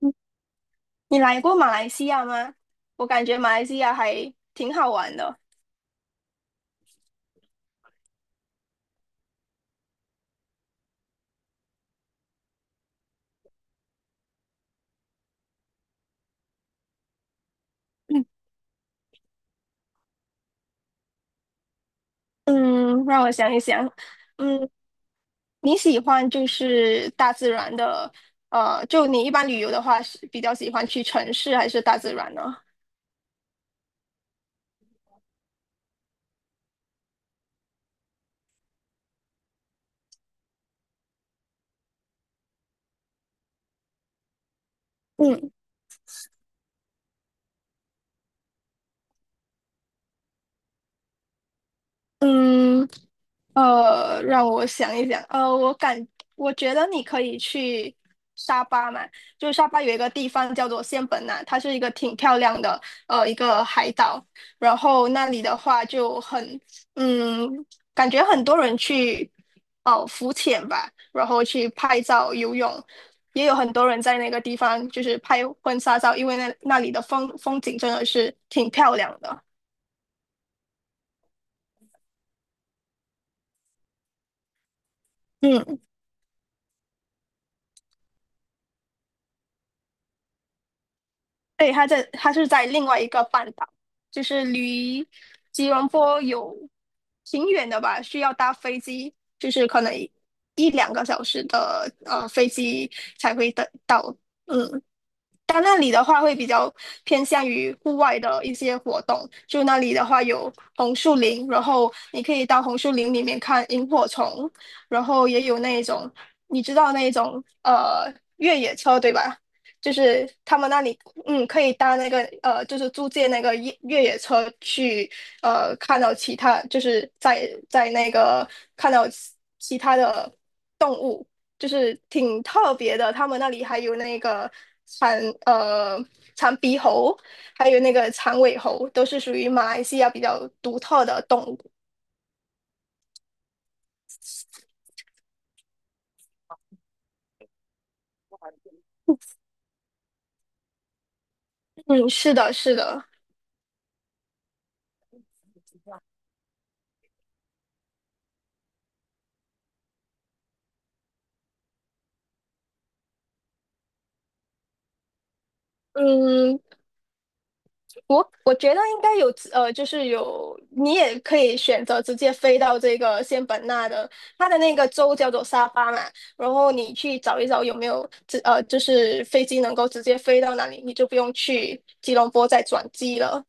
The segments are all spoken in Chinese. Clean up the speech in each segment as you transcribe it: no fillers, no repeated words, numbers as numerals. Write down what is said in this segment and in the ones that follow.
嗯你来过马来西亚吗？我感觉马来西亚还挺好玩的。嗯，嗯,让我想一想。嗯，你喜欢就是大自然的，就你一般旅游的话，是比较喜欢去城市还是大自然呢？嗯嗯，让我想一想，我觉得你可以去沙巴嘛，就是沙巴有一个地方叫做仙本那，它是一个挺漂亮的一个海岛，然后那里的话就很嗯，感觉很多人去哦浮潜吧，然后去拍照、游泳，也有很多人在那个地方就是拍婚纱照，因为那里的风景真的是挺漂亮的。嗯。对，他是在另外一个半岛，就是离吉隆坡有挺远的吧，需要搭飞机，就是可能一两个小时的飞机才会得到。嗯，但那里的话会比较偏向于户外的一些活动，就那里的话有红树林，然后你可以到红树林里面看萤火虫，然后也有那种你知道那种越野车对吧？就是他们那里嗯可以搭那个就是租借那个越野车去看到其他就是在那个看到其其他的动物，就是挺特别的。他们那里还有那个长呃长鼻猴，还有那个长尾猴，都是属于马来西亚比较独特的动物。嗯，是的，是的。嗯，我觉得应该有，就是有你也可以选择直接飞到这个仙本那的，它的那个州叫做沙巴嘛，然后你去找一找有没有，就是飞机能够直接飞到那里，你就不用去吉隆坡再转机了。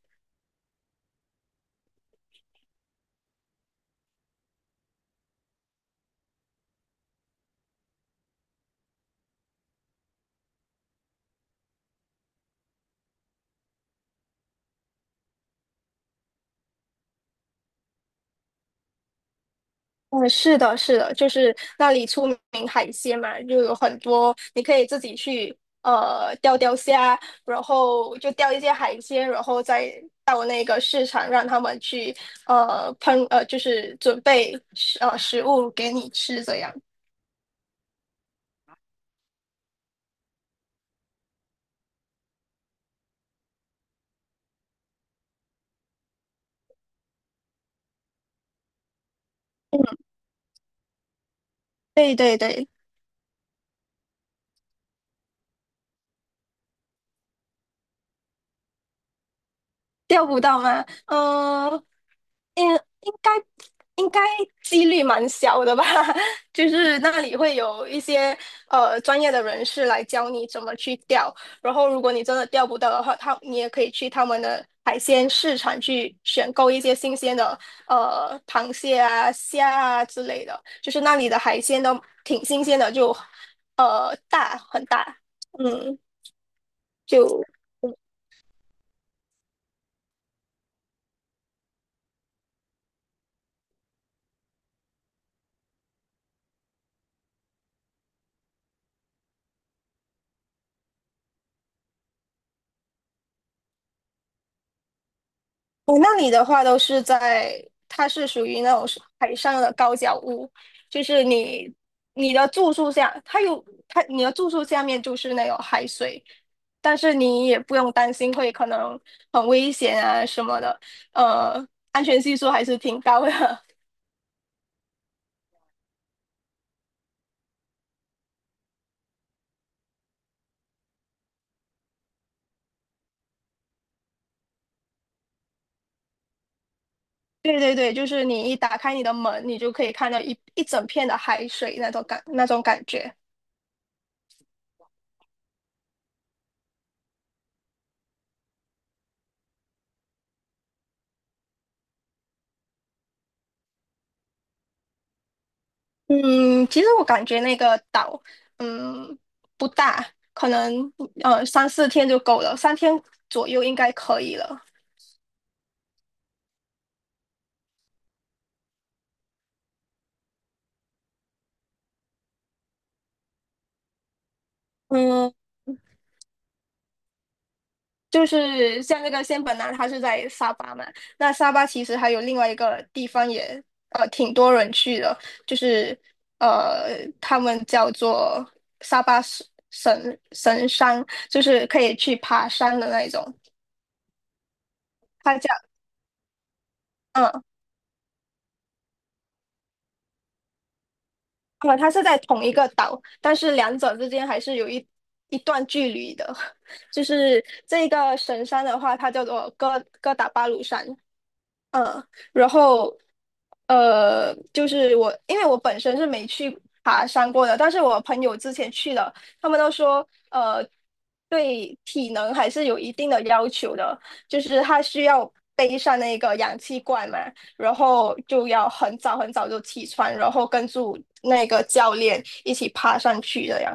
嗯，是的，是的，就是那里出名海鲜嘛，就有很多你可以自己去钓钓虾，然后就钓一些海鲜，然后再到那个市场让他们去呃烹呃就是准备食物给你吃这样。对对对，钓不到吗？嗯、嗯，应该应该几率蛮小的吧，就是那里会有一些专业的人士来教你怎么去钓，然后如果你真的钓不到的话，你也可以去他们的海鲜市场去选购一些新鲜的螃蟹啊、虾啊之类的，就是那里的海鲜都挺新鲜的，就大很大，嗯，就。我那里的话都是在，它是属于那种是海上的高脚屋，就是你的住宿下，它你的住宿下面就是那种海水，但是你也不用担心会可能很危险啊什么的，呃，安全系数还是挺高的。对对对，就是你一打开你的门，你就可以看到一整片的海水那种感觉。嗯，其实我感觉那个岛，嗯，不大，可能三四天就够了，三天左右应该可以了。嗯，就是像那个仙本那，它是在沙巴嘛，那沙巴其实还有另外一个地方也挺多人去的，就是他们叫做沙巴神山，就是可以去爬山的那一种，它叫。嗯。它是在同一个岛，但是两者之间还是有一段距离的。就是这个神山的话，它叫做哥哥打巴鲁山。嗯，然后就是我，因为我本身是没去爬山过的，但是我朋友之前去了，他们都说，对体能还是有一定的要求的，就是他需要背上那个氧气罐嘛，然后就要很早很早就起床，然后跟住那个教练一起爬上去的呀。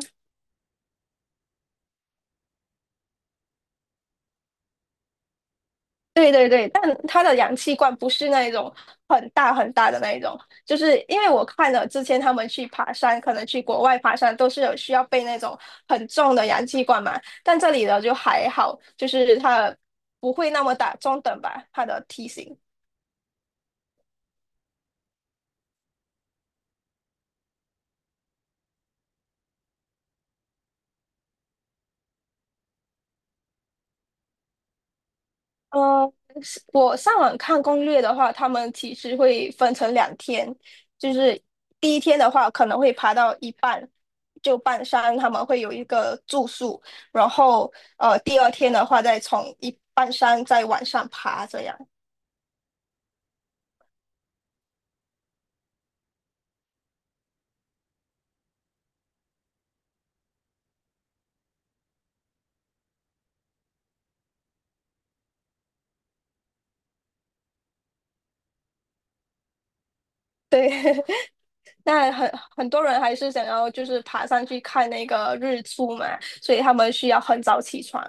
对对对，但它的氧气罐不是那一种很大很大的那一种，就是因为我看了之前他们去爬山，可能去国外爬山都是有需要背那种很重的氧气罐嘛，但这里的就还好，就是它不会那么大，中等吧，它的体型。呃，是我上网看攻略的话，他们其实会分成两天，就是第一天的话可能会爬到一半，就半山他们会有一个住宿，然后第二天的话再从一半山再往上爬这样。对，那很很多人还是想要就是爬上去看那个日出嘛，所以他们需要很早起床。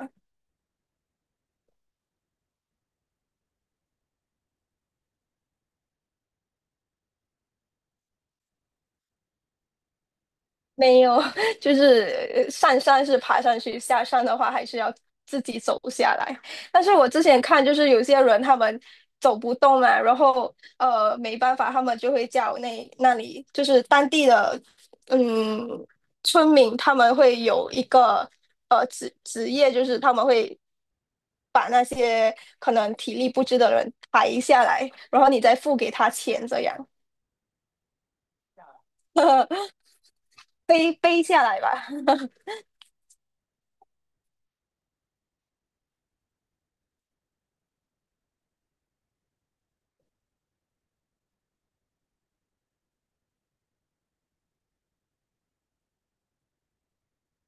没有，就是上山是爬上去，下山的话还是要自己走下来。但是我之前看，就是有些人他们走不动嘛，然后没办法，他们就会叫那里就是当地的嗯村民，他们会有一个职业，就是他们会把那些可能体力不支的人抬下来，然后你再付给他钱，这样 背背下来吧。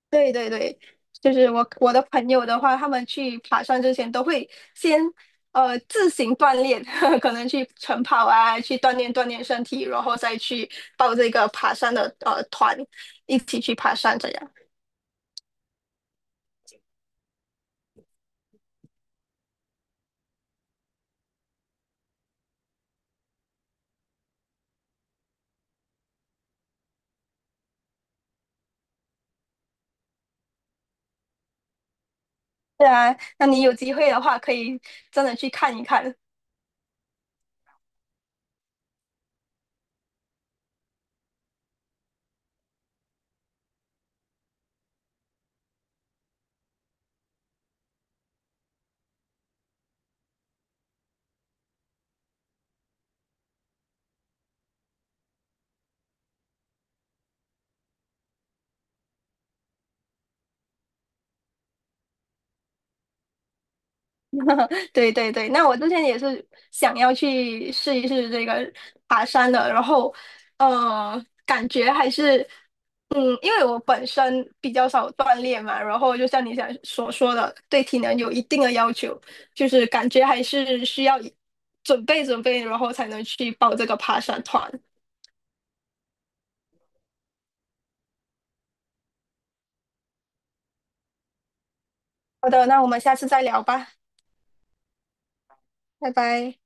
对对对，就是我的朋友的话，他们去爬山之前都会先自行锻炼，可能去晨跑啊，去锻炼锻炼身体，然后再去报这个爬山的团，一起去爬山这样。对啊，那你有机会的话，可以真的去看一看。对对对，那我之前也是想要去试一试这个爬山的，然后感觉还是嗯，因为我本身比较少锻炼嘛，然后就像你想所说的，对体能有一定的要求，就是感觉还是需要准备准备，然后才能去报这个爬山团。好的，那我们下次再聊吧，拜拜。